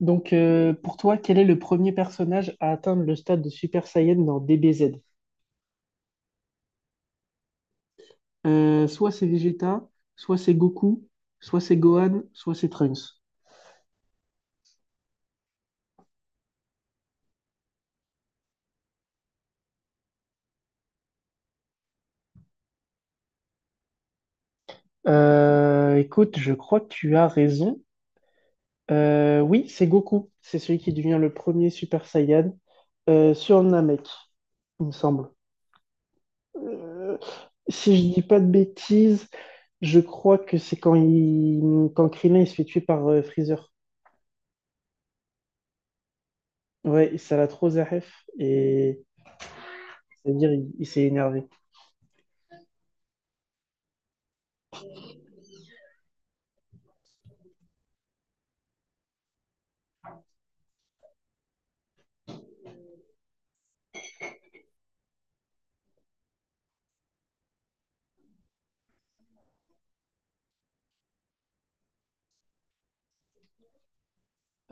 Donc, pour toi, quel est le premier personnage à atteindre le stade de Super Saiyan dans DBZ? Soit c'est Vegeta, soit c'est Goku, soit c'est Gohan, soit c'est Trunks. Écoute, je crois que tu as raison. Oui, c'est Goku. C'est celui qui devient le premier Super Saiyan sur Namek, il me semble. Euh, si je dis pas de bêtises, je crois que c'est quand Krillin il se fait tuer par Freezer. Ouais, ça l'a trop Zaref et c'est-à-dire, il s'est énervé.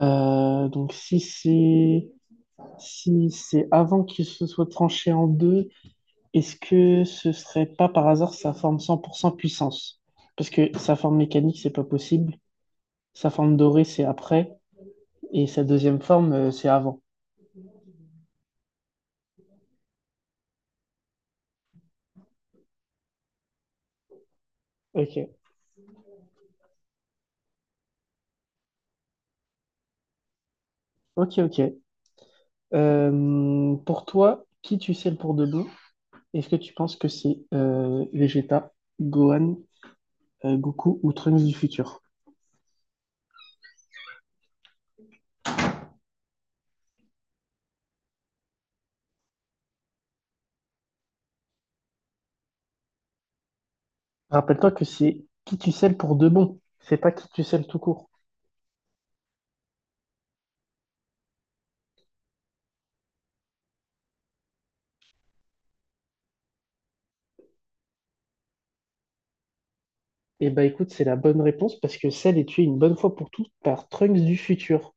Donc, si c'est avant qu'il se soit tranché en deux, est-ce que ce serait pas par hasard sa forme 100% puissance? Parce que sa forme mécanique, c'est pas possible. Sa forme dorée, c'est après. Et sa deuxième forme, c'est avant. Ok. Ok, ok. Pour toi, qui tu sais pour de bon? Est-ce que tu penses que c'est Vegeta, Gohan, Goku ou Trunks du futur? Rappelle-toi que c'est qui tu selles pour de bon, c'est pas qui tu selles tout court. Et bah écoute, c'est la bonne réponse parce que Cell est tué une bonne fois pour toutes par Trunks du futur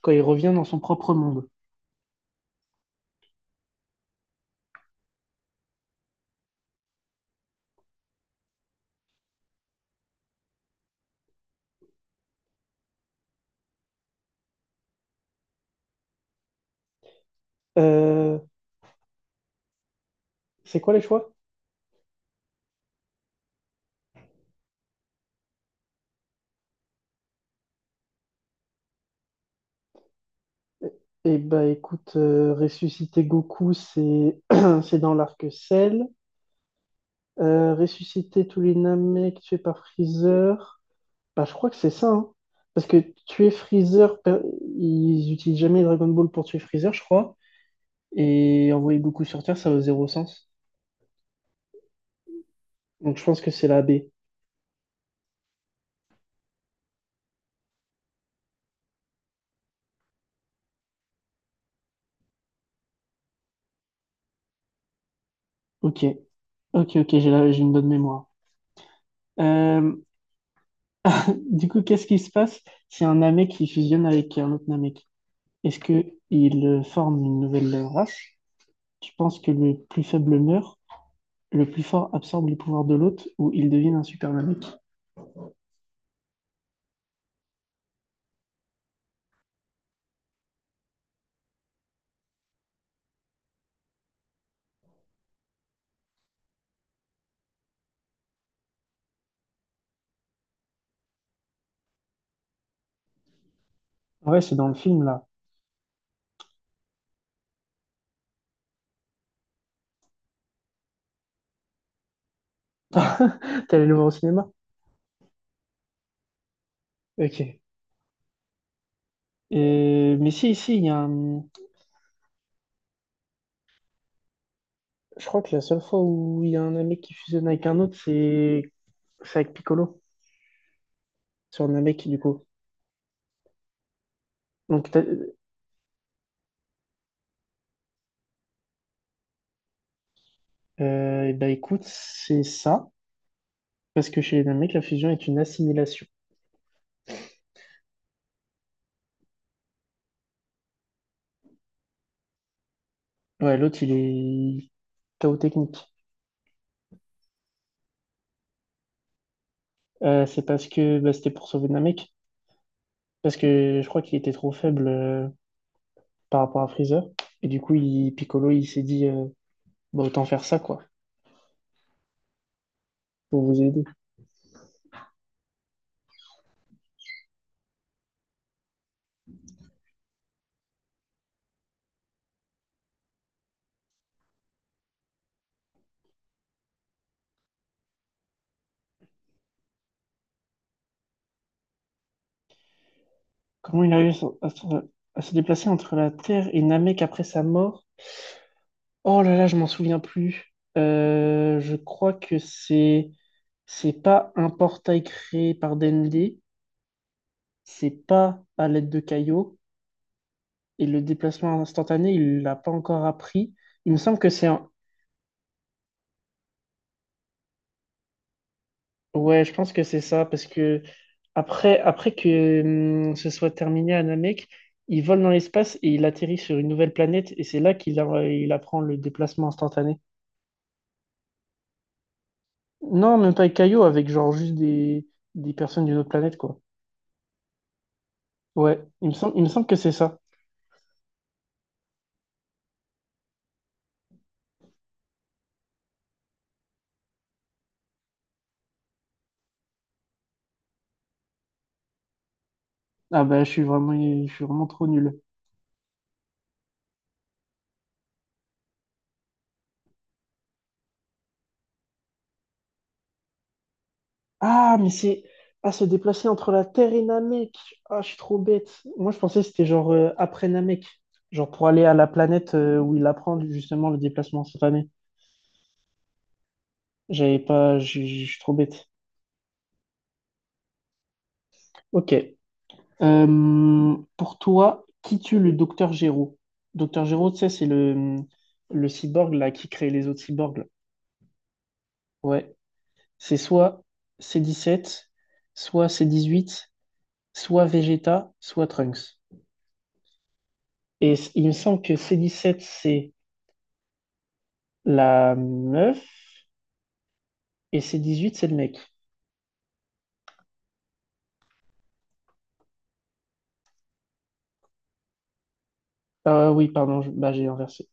quand il revient dans son propre monde. Euh, c'est quoi les choix? Et bah écoute, ressusciter Goku, c'est c'est dans l'arc Cell. Ressusciter tous les Namek tués par Freezer. Bah je crois que c'est ça, hein. Parce que tuer Freezer, per- ils utilisent jamais Dragon Ball pour tuer Freezer, je crois. Et envoyer Goku sur Terre, ça a zéro sens. Donc je pense que c'est la B. Ok, ok, ok, j'ai une bonne mémoire. Euh, Du coup, qu'est-ce qui se passe si un Namek qui fusionne avec un autre Namek? Est-ce que il forme une nouvelle race? Tu penses que le plus faible meurt, le plus fort absorbe les pouvoirs de l'autre ou il devient un super Namek? Ouais, c'est dans le film là. T'es allé le voir au cinéma? Ok. Mais si, il y a un- Je crois que la seule fois où il y a un Namek qui fusionne avec un autre, c'est avec Piccolo, sur un Namek du coup. Donc t'as- et ben écoute, c'est ça, parce que chez les mecs, la fusion est une assimilation. Ouais, l'autre, il est KO technique. C'est parce que bah, c'était pour sauver Namek, parce que je crois qu'il était trop faible par rapport à Freezer. Et du coup, Piccolo, il s'est dit, bah, autant faire ça, quoi, pour vous aider. Comment il a eu à, se à se déplacer entre la Terre et Namek après sa mort? Oh là là, je m'en souviens plus. Je crois que c'est pas un portail créé par Dende, c'est pas à l'aide de caillots. Et le déplacement instantané, il l'a pas encore appris. Il me semble que c'est un... Ouais, je pense que c'est ça, parce que après que ce soit terminé à Namek, il vole dans l'espace et il atterrit sur une nouvelle planète, et c'est là il apprend le déplacement instantané. Non, même pas avec Caillou, avec genre des personnes d'une autre planète, quoi. Ouais, il me semble que c'est ça. Ah bah, je suis vraiment trop nul. Ah, mais c'est. Ah, se déplacer entre la Terre et Namek. Ah, je suis trop bête. Moi, je pensais que c'était genre après Namek. Genre pour aller à la planète où il apprend justement le déplacement instantané. J'avais pas. Je suis trop bête. Ok. Pour toi, qui tue le docteur Géraud? Docteur Géraud, tu sais, c'est le cyborg là, qui crée les autres cyborgs. Là. Ouais. C'est soit C17, soit C18, soit Vegeta, soit Trunks. Et c- il me semble que C17, c'est la meuf et c'est 18, c'est le mec. Ah oui, pardon, je- bah, j'ai inversé.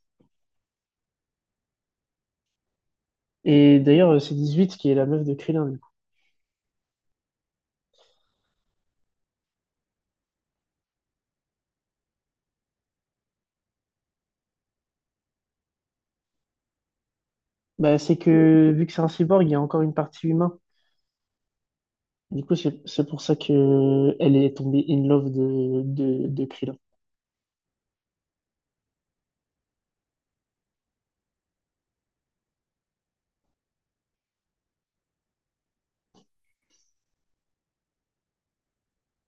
Et d'ailleurs, c'est 18 qui est la meuf de Krillin, du coup. Bah, c'est que, vu que c'est un cyborg, il y a encore une partie humain. Du coup, c'est pour ça que elle est tombée in love de Krillin.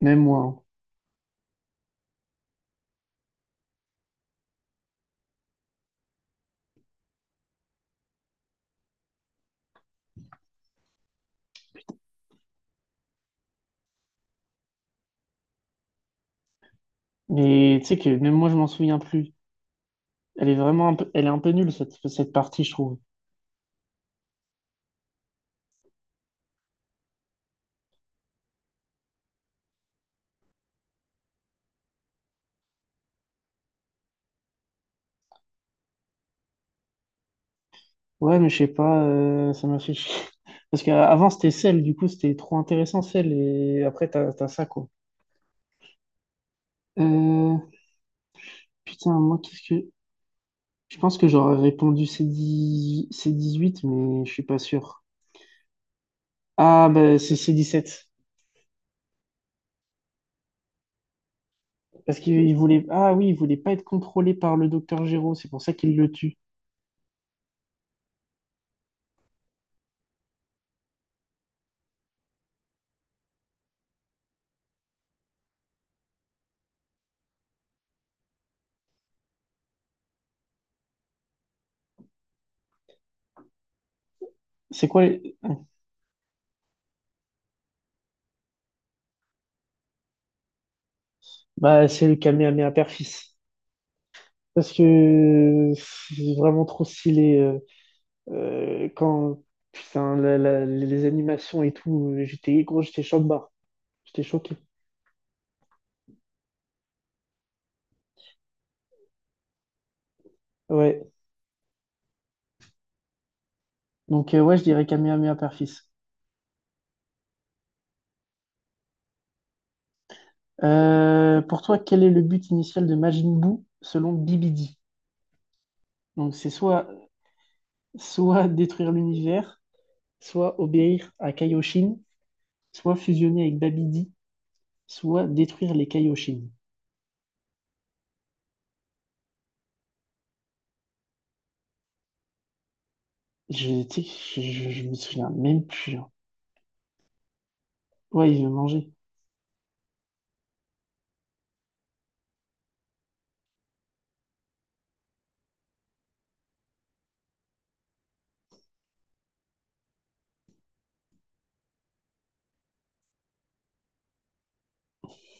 Même moi. Hein. Mais tu sais que même moi, je m'en souviens plus. Elle est vraiment un peu, elle est un peu nulle, cette partie, je trouve. Ouais, mais je sais pas, ça m'a fait chier. Parce qu'avant, c'était celle, du coup, c'était trop intéressant, celle. Et après, t'as ça, quoi. Euh, Putain, moi, qu'est-ce que. Je pense que j'aurais répondu C huit mais je suis pas sûr. Ah, bah, c'est C sept parce qu'il voulait. Ah oui, il voulait pas être contrôlé par le docteur Géraud, c'est pour ça qu'il le tue. C'est quoi? Les- Bah, c'est le Kamehameha Père-Fils. Parce que c'est vraiment trop stylé. Quand. Putain, les animations et tout, j'étais gros, j'étais choqué. J'étais choqué. Ouais. Donc, ouais, je dirais Kamehameha Père-Fils. Pour toi, quel est le but initial de Majin Buu selon Bibidi. Donc, c'est soit détruire l'univers, soit obéir à Kaioshin, soit fusionner avec Babidi, soit détruire les Kaioshin. Je, tu sais, je me souviens même plus. Hein. Ouais, il veut manger.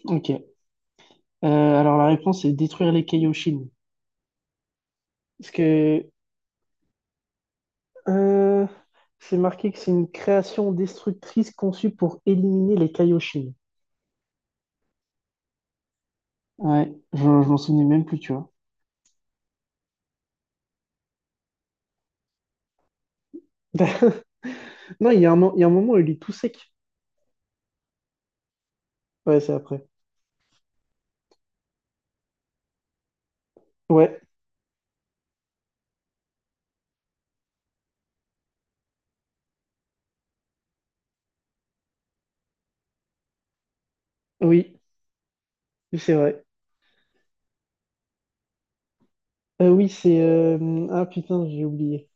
Ok. Alors, la réponse est détruire les Kaioshin. Parce que euh, c'est marqué que c'est une création destructrice conçue pour éliminer les Kaioshin. Ouais, je m'en souvenais même plus, tu vois. Non, il y a un, il y a un moment où il est tout sec. Ouais, c'est après. Ouais, oui, c'est vrai. Ah putain, j'ai oublié.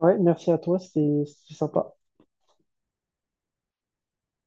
Ouais, merci à toi, c'était sympa.